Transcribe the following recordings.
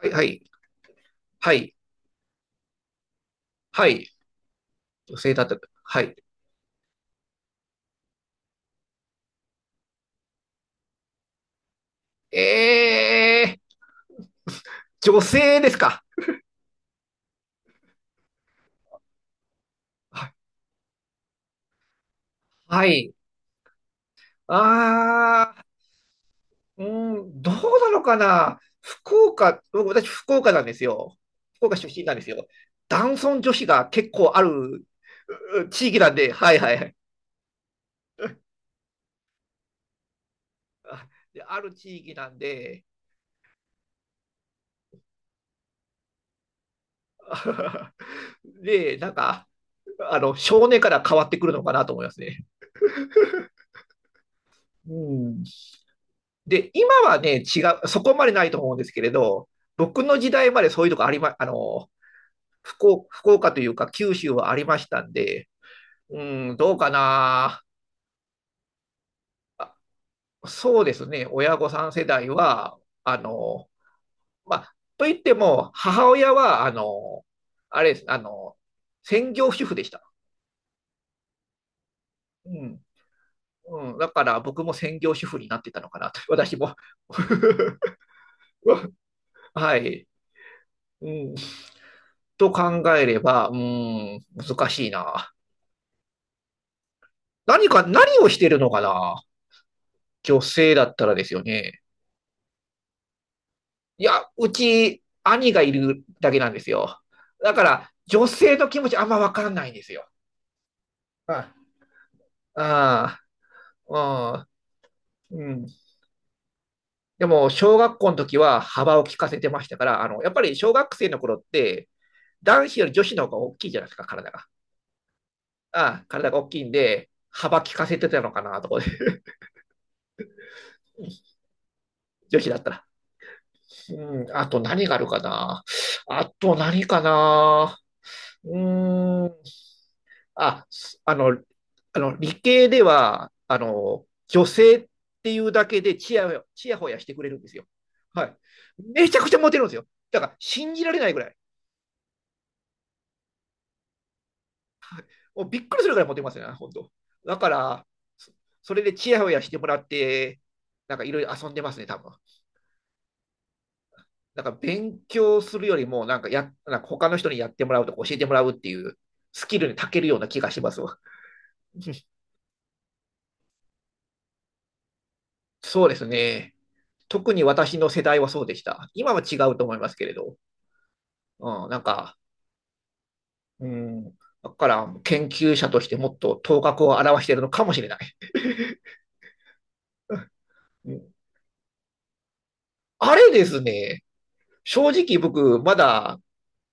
はい、はい、はい、はい、女性だった。はい。えー、女性ですか。はい。はい。あー、うん、どうなのかな。福岡、僕私福岡なんですよ。福岡出身なんですよ。男尊女卑が結構あるう地域なんで、はいはいはい。あで、ある地域なんで、で、なんか、少年から変わってくるのかなと思いますね。うん。で、今はね、違う、そこまでないと思うんですけれど、僕の時代までそういうとこありま、あの、福岡というか九州はありましたんで、うん、どうかな。あそうですね、親御さん世代は、あの、まあ、と言っても、母親は、あれです、専業主婦でした。うん。うん、だから僕も専業主婦になってたのかなと、私も。はい。うん、と考えれば、うん、難しいな。何をしてるのかな、女性だったらですよね。いや、うち、兄がいるだけなんですよ。だから、女性の気持ちあんまわからないんですよ。ああ、ああ、うん。でも、小学校の時は幅を利かせてましたから、やっぱり小学生の頃って、男子より女子の方が大きいじゃないですか、体が。ああ、体が大きいんで、幅利かせてたのかな、とかで。女子だったら。うん、あと何があるかな。あと何かな。うーん。あ、あの、理系では、女性っていうだけでチヤホヤしてくれるんですよ。はい。めちゃくちゃモテるんですよ。だから、信じられないぐらい。もうびっくりするぐらいモテますよね、本当。だから、そそれでチヤホヤしてもらって、なんかいろいろ遊んでますね、多分。なんか勉強するよりも、なんかや、なんか他の人にやってもらうとか教えてもらうっていうスキルに長けるような気がしますわ。そうですね。特に私の世代はそうでした。今は違うと思いますけれど。うん、なんか、うん。だから研究者としてもっと頭角を表しているのかもしれない。あれですね、正直僕まだ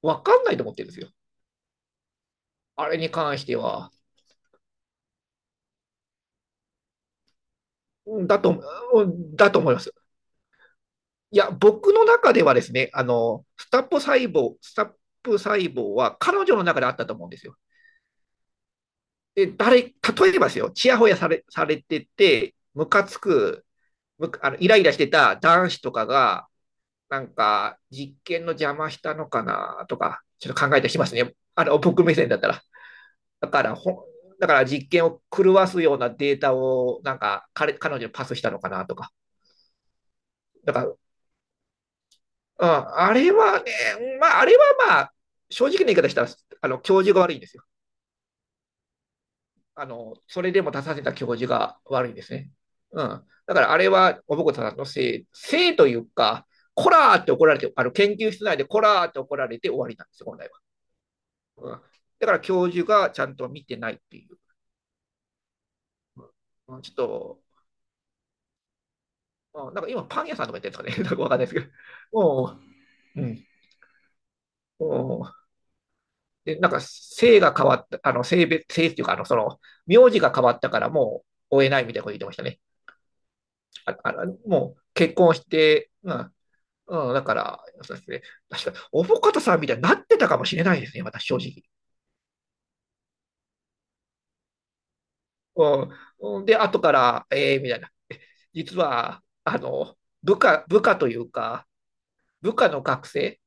わかんないと思ってるんですよ。あれに関しては。だと、だと思います。いや、僕の中ではですね、スタップ細胞は彼女の中であったと思うんですよ。で、例えばですよ、ちやほやされてて、ムカつく、むあの、イライラしてた男子とかが、なんか、実験の邪魔したのかなとか、ちょっと考えたりしますね。僕目線だったら。だから、ほ、だから実験を狂わすようなデータを、なんか、彼女にパスしたのかなとか。だから、うん、あれはね、まあ、あれはまあ、正直な言い方したら、教授が悪いんですよ。それでも出させた教授が悪いんですね。うん。だからあれは、おぼこさんのせいというか、こらーって怒られて、研究室内でこらーって怒られて終わりなんですよ、本来は。うん。だから教授がちゃんと見てないっていう。うん、ちょっと、うん、なんか今パン屋さんとか言ってるんですかね。なんかわかんないですけど。もう、うん。うん、で、なんか性が変わった、性別、性っていうか、名字が変わったからもう追えないみたいなこと言ってましたね。ああ、もう結婚して、うん、うん、だから、そうですね、確か、おぼかたさんみたいになってたかもしれないですね、私、正直。うん、で、後から、ええー、みたいな。実は、部下というか、部下の学生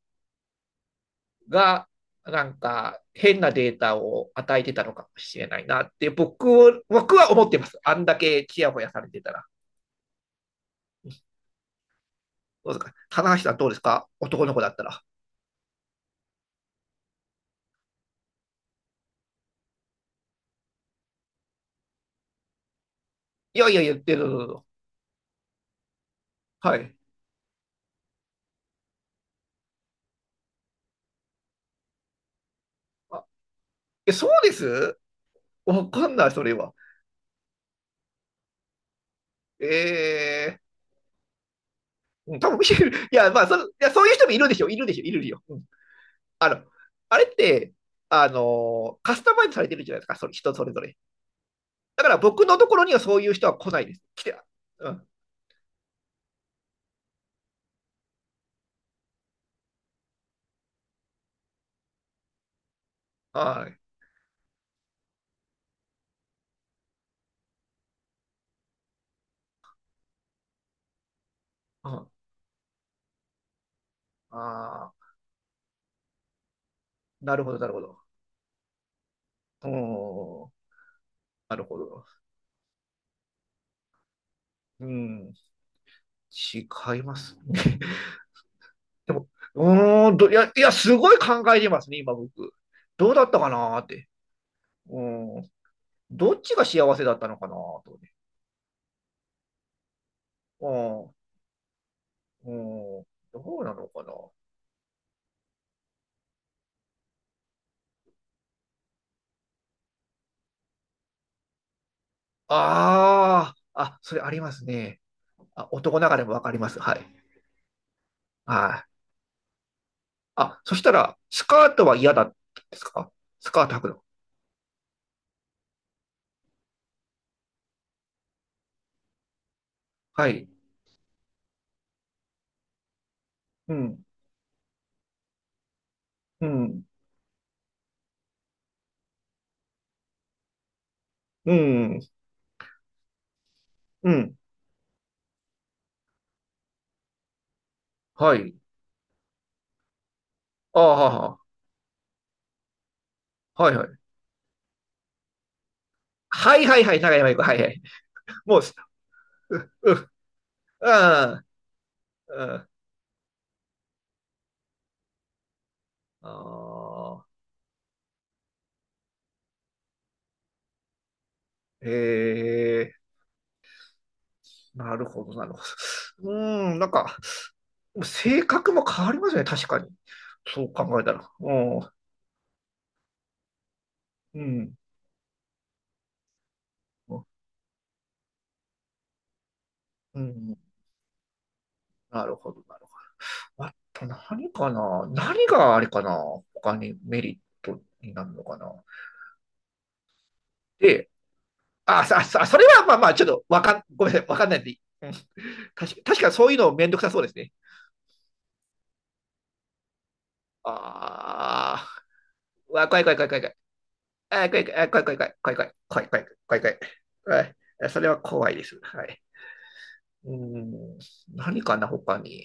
が、なんか変なデータを与えてたのかもしれないなって僕は思ってます。あんだけちやほやされてたら。どうですか、棚橋さん、どうですか、男の子だったら。いやいや言ってる。はい。あ、そうです、わかんない、それは。ええー、うん、多分見てる。いや、まあ、いや、そういう人もいるでしょ。いるでしょ。いるよ。うん。あの、あれって、あのカスタマイズされてるじゃないですか。それ、人それぞれ。だから僕のところにはそういう人は来ないです。うん。はい。うん。ああ、なるほど、なるほど。うん。なるほど。うん。違いますね。でも、うーんと、いや、いや、すごい考えてますね、今僕。どうだったかなーって。うん。どっちが幸せだったのかなーとね。うん。うん。どうなのかな。ああ、あ、それありますね。あ、男ながらもわかります。はい。はい。あ、そしたら、スカートは嫌だったんですか？スカート履くの。はい。うん。うん。うん。うん。はい。ああ、はいはい。はいはいはい、長山行く。はいはい。もう、う、う、うん。うん。ああ、へえ、なるほど、なるほど。うーん、なんか、性格も変わりますね、確かに。そう考えたら。うん、うん、うん、なるほど、なるほど。あと何かな、何があれかな、他にメリットになるのかな？で、あ、さ、さ、それはまあまあ、ちょっとわかん、ごめんなさい、わかんないんで、うん、確か、確かそういうのめんどくさそうですね。ああ、わ、怖い怖い怖い怖い。あ、怖い、あ、怖い、怖い、怖い、怖い、怖い、怖い、怖い、怖い、怖い。あ、それは怖いです。はい。うーん、何かな、他に。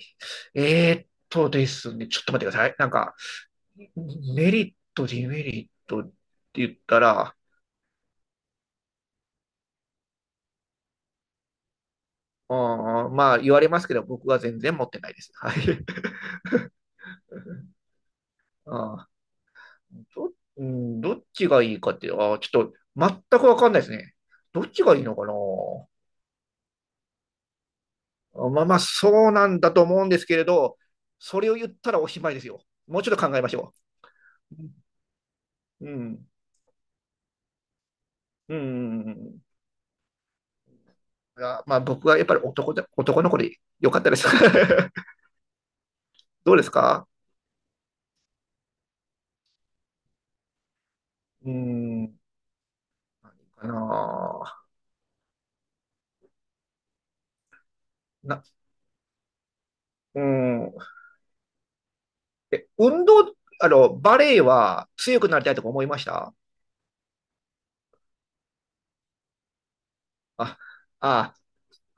ですね、ちょっと待ってください。なんか、メリット、デメリットって言ったら、うーん、まあ、言われますけど、僕は全然持ってないです。はい。あうん、どっちがいいかって、ちょっと、全くわかんないですね。どっちがいいのかな、まあまあ、そうなんだと思うんですけれど、それを言ったらおしまいですよ。もうちょっと考えましょう。うん。うん。うん、まあ、僕はやっぱり男で、男の子でよかったです。どうですか？うん。かなあな、うん。え、運動、バレエは強くなりたいとか思いました？あ、あ、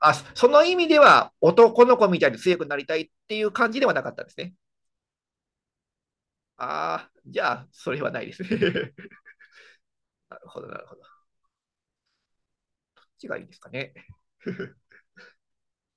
その意味では男の子みたいに強くなりたいっていう感じではなかったんですね。ああ、じゃあ、それはないです。なるほど、なるほど。ちがいいですかね。